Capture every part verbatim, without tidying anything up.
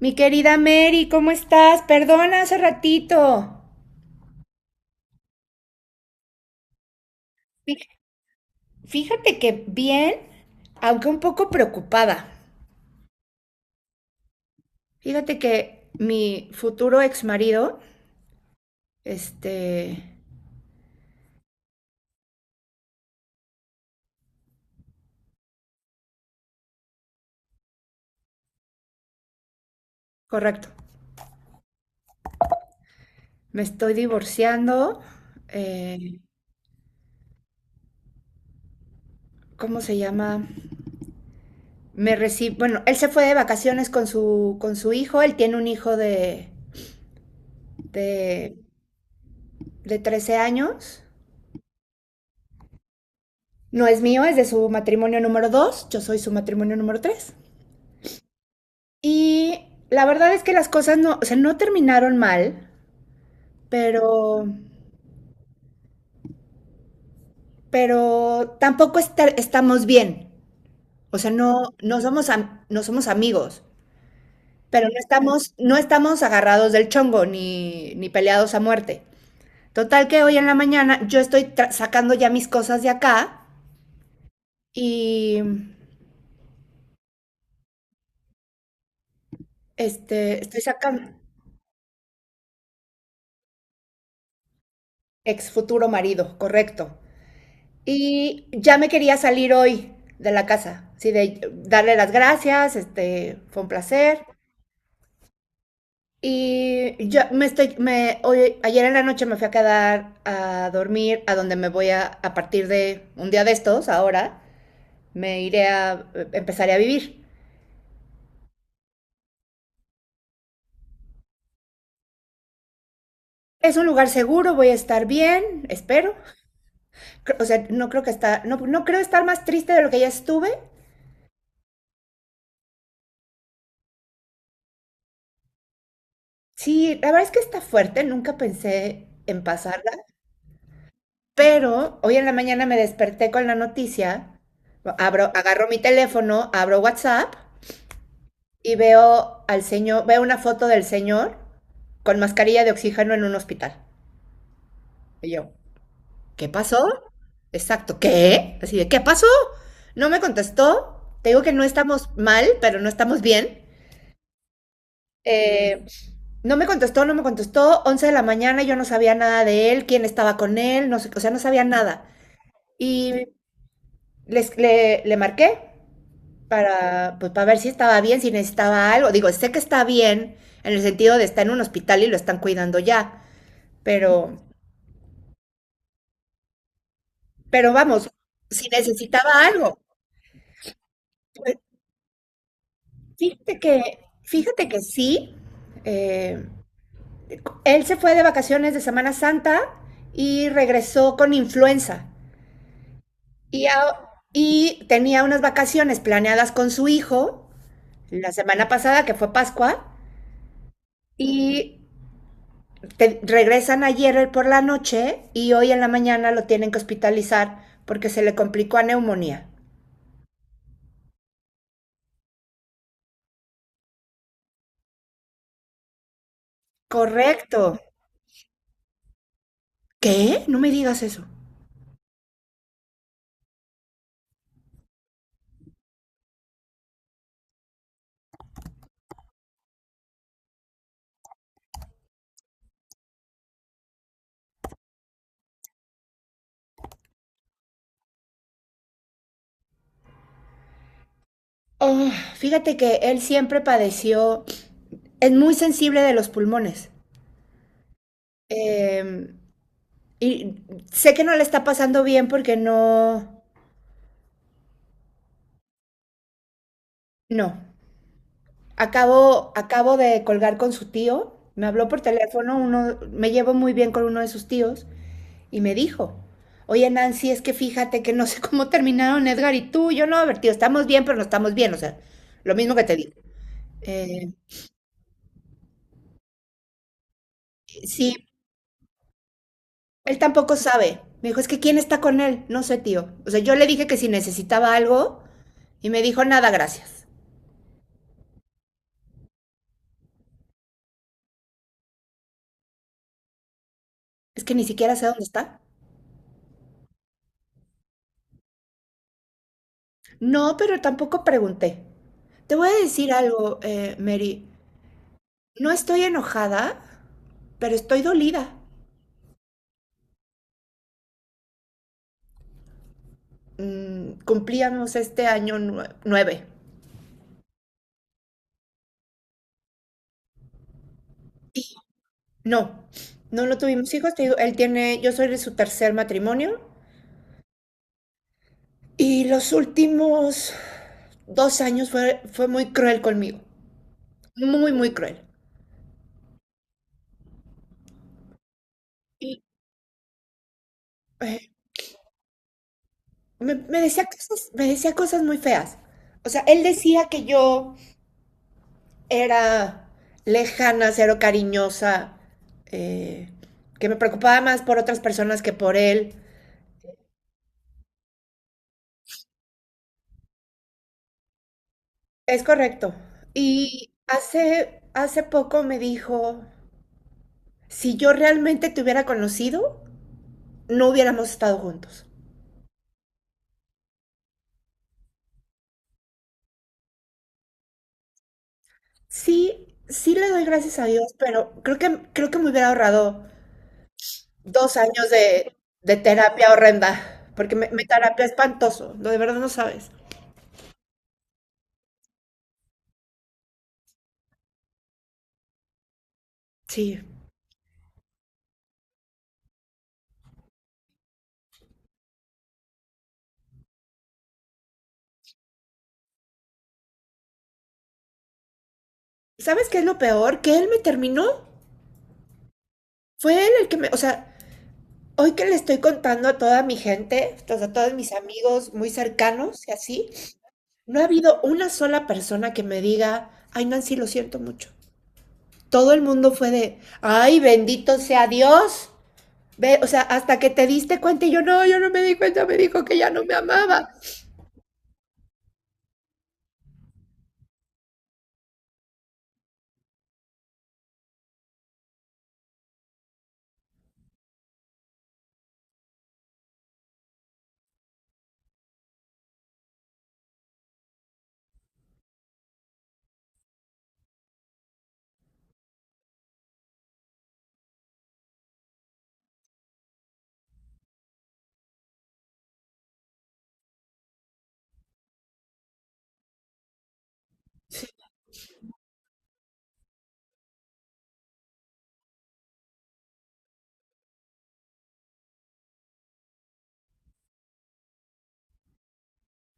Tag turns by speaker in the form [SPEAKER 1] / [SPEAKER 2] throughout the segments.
[SPEAKER 1] Mi querida Mary, ¿cómo estás? Perdona hace ratito. Fí- Fíjate que bien, aunque un poco preocupada. Fíjate que mi futuro ex marido, este, correcto, me estoy divorciando. eh, ¿Cómo se llama? Me recibe, bueno, él se fue de vacaciones con su, con su hijo. Él tiene un hijo de, de, de trece años. No es mío, es de su matrimonio número dos. Yo soy su matrimonio número tres. Y la verdad es que las cosas no, o sea, no terminaron mal, pero, pero tampoco esta- estamos bien. O sea, no, no somos, am- no somos amigos, pero no estamos, no estamos agarrados del chongo ni, ni peleados a muerte. Total que hoy en la mañana yo estoy tra- sacando ya mis cosas de acá y este, estoy sacando ex futuro marido, correcto. Y ya me quería salir hoy de la casa, sí, de darle las gracias, este, fue un placer. Y yo me estoy, me, hoy, ayer en la noche me fui a quedar a dormir a donde me voy a, a partir de un día de estos, ahora, me iré a, empezaré a vivir. Es un lugar seguro, voy a estar bien, espero. Cre- O sea, no creo que está, no, no creo estar más triste de lo que ya estuve. Sí, la verdad es que está fuerte, nunca pensé en pasarla. Pero hoy en la mañana me desperté con la noticia, abro, agarro mi teléfono, abro WhatsApp y veo al señor, veo una foto del señor con mascarilla de oxígeno en un hospital. Y yo, ¿qué pasó? Exacto, ¿qué? Así de, ¿qué pasó? No me contestó. Te digo que no estamos mal, pero no estamos bien. Eh, no me contestó, no me contestó. Once de la mañana yo no sabía nada de él, quién estaba con él, no sé, o sea, no sabía nada. Y les- le, le marqué para, pues, para ver si estaba bien, si necesitaba algo. Digo, sé que está bien en el sentido de está en un hospital y lo están cuidando ya, pero, pero vamos, si necesitaba algo. Pues, fíjate que, fíjate que sí. eh, Él se fue de vacaciones de Semana Santa y regresó con influenza. Y, a- y tenía unas vacaciones planeadas con su hijo la semana pasada, que fue Pascua, y te regresan ayer por la noche y hoy en la mañana lo tienen que hospitalizar porque se le complicó a neumonía. Correcto. ¿Qué? No me digas eso. Oh, fíjate que él siempre padeció, es muy sensible de los pulmones. Eh, y sé que no le está pasando bien porque no, no. Acabo, acabo de colgar con su tío. Me habló por teléfono, uno, me llevo muy bien con uno de sus tíos. Y me dijo, oye Nancy, es que fíjate que no sé cómo terminaron Edgar y tú, yo no, a ver, tío, estamos bien, pero no estamos bien, o sea, lo mismo que te digo. Eh, sí, él tampoco sabe. Me dijo, es que ¿quién está con él? No sé, tío. O sea, yo le dije que si necesitaba algo y me dijo, nada, gracias. Es que ni siquiera sé dónde está. No, pero tampoco pregunté. Te voy a decir algo, eh, Mary. No estoy enojada, pero estoy dolida. Mm, cumplíamos este año nue- nueve. No, no lo tuvimos hijos. Te digo, él tiene, yo soy de su tercer matrimonio y los últimos dos años fue, fue muy cruel conmigo, muy, muy cruel. Y eh, me, me decía cosas, me decía cosas muy feas. O sea, él decía que yo era lejana, cero cariñosa, eh, que me preocupaba más por otras personas que por él. Es correcto. Y hace, hace poco me dijo... Si yo realmente te hubiera conocido, no hubiéramos estado juntos. Sí, sí le doy gracias a Dios, pero creo que, creo que me hubiera ahorrado dos años de, de terapia horrenda, porque me, me terapia espantoso, lo de verdad no sabes. Sí. ¿Sabes qué es lo peor? Que él me terminó. Fue él el que me, o sea, hoy que le estoy contando a toda mi gente, o sea, a todos mis amigos muy cercanos y así, no ha habido una sola persona que me diga, ay Nancy, lo siento mucho. Todo el mundo fue de, ay, bendito sea Dios. Ve, o sea, hasta que te diste cuenta y yo no, yo no me di cuenta, me dijo que ya no me amaba.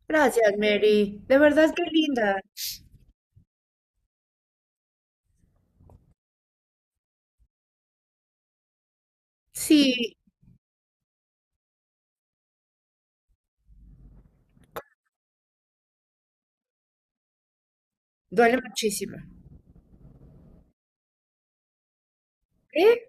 [SPEAKER 1] Gracias, Mary. De verdad qué linda. Sí, duele muchísimo. ¿Eh?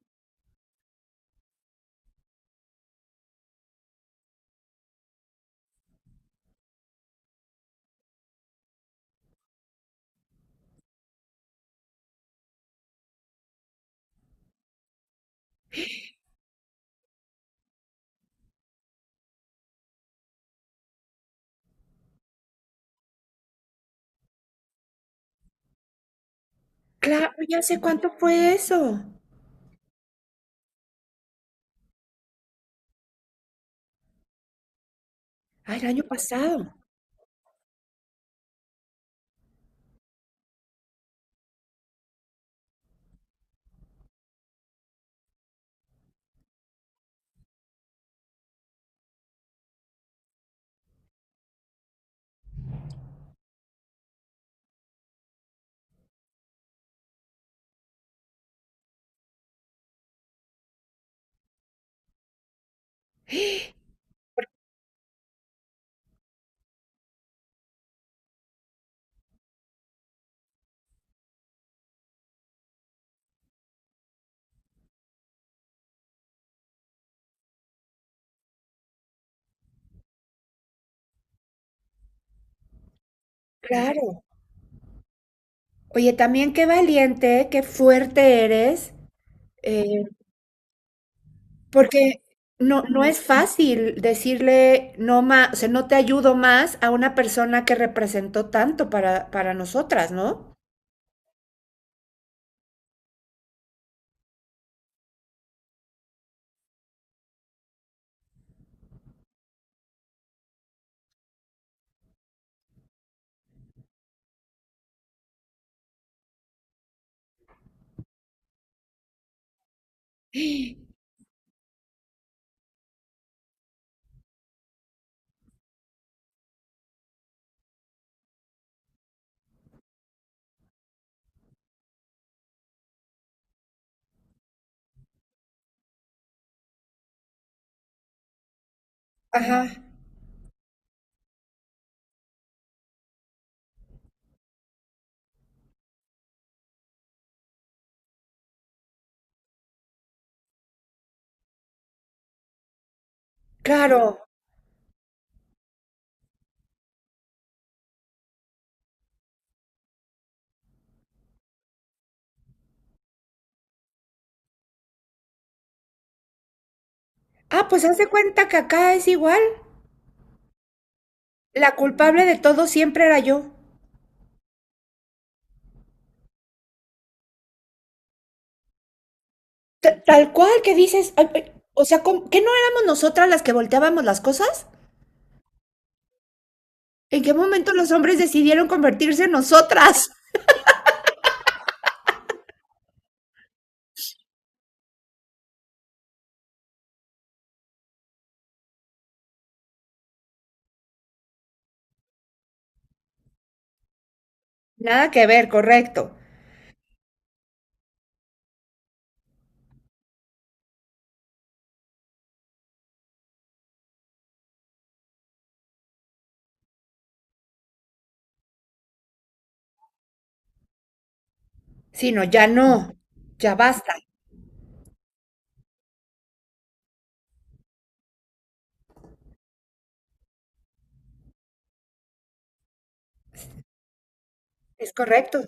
[SPEAKER 1] Claro, ya sé cuánto fue eso. Ay, el año pasado. Claro. Oye, también qué valiente, qué fuerte eres. Eh, Porque no, no es fácil decirle no más, o sea, no te ayudo más a una persona que representó tanto para, para nosotras, ¿no? Ajá, claro. Ah, pues haz de cuenta que acá es igual. La culpable de todo siempre era yo. Ta- Tal cual que dices, ay, ay, o sea, ¿cómo- ¿qué no éramos nosotras las que volteábamos las cosas? ¿En qué momento los hombres decidieron convertirse en nosotras? Nada que ver, correcto. Sí, no, ya no, ya basta. Es correcto.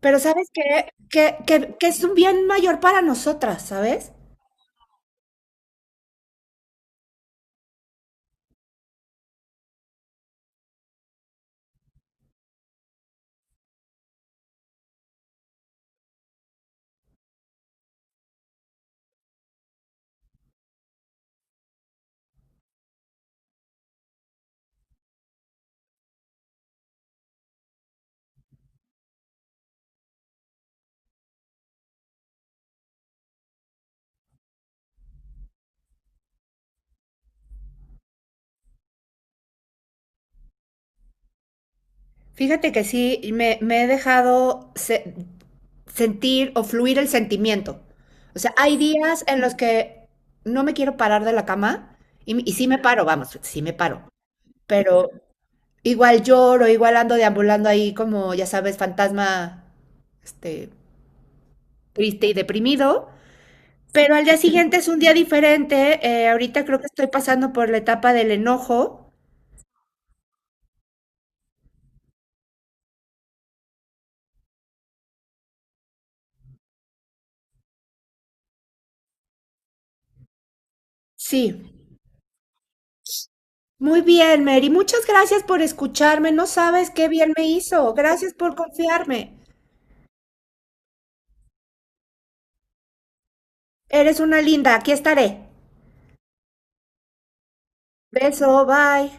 [SPEAKER 1] Pero ¿sabes qué? Que, que- que es un bien mayor para nosotras, ¿sabes? Fíjate que sí, me, me he dejado se- sentir o fluir el sentimiento. O sea, hay días en los que no me quiero parar de la cama y, y sí me paro, vamos, sí me paro. Pero igual lloro, igual ando deambulando ahí como, ya sabes, fantasma, este, triste y deprimido. Pero al día siguiente es un día diferente. Eh, ahorita creo que estoy pasando por la etapa del enojo. Sí. Muy bien, Mary. Muchas gracias por escucharme. No sabes qué bien me hizo. Gracias por confiarme. Eres una linda. Aquí estaré. Beso, bye.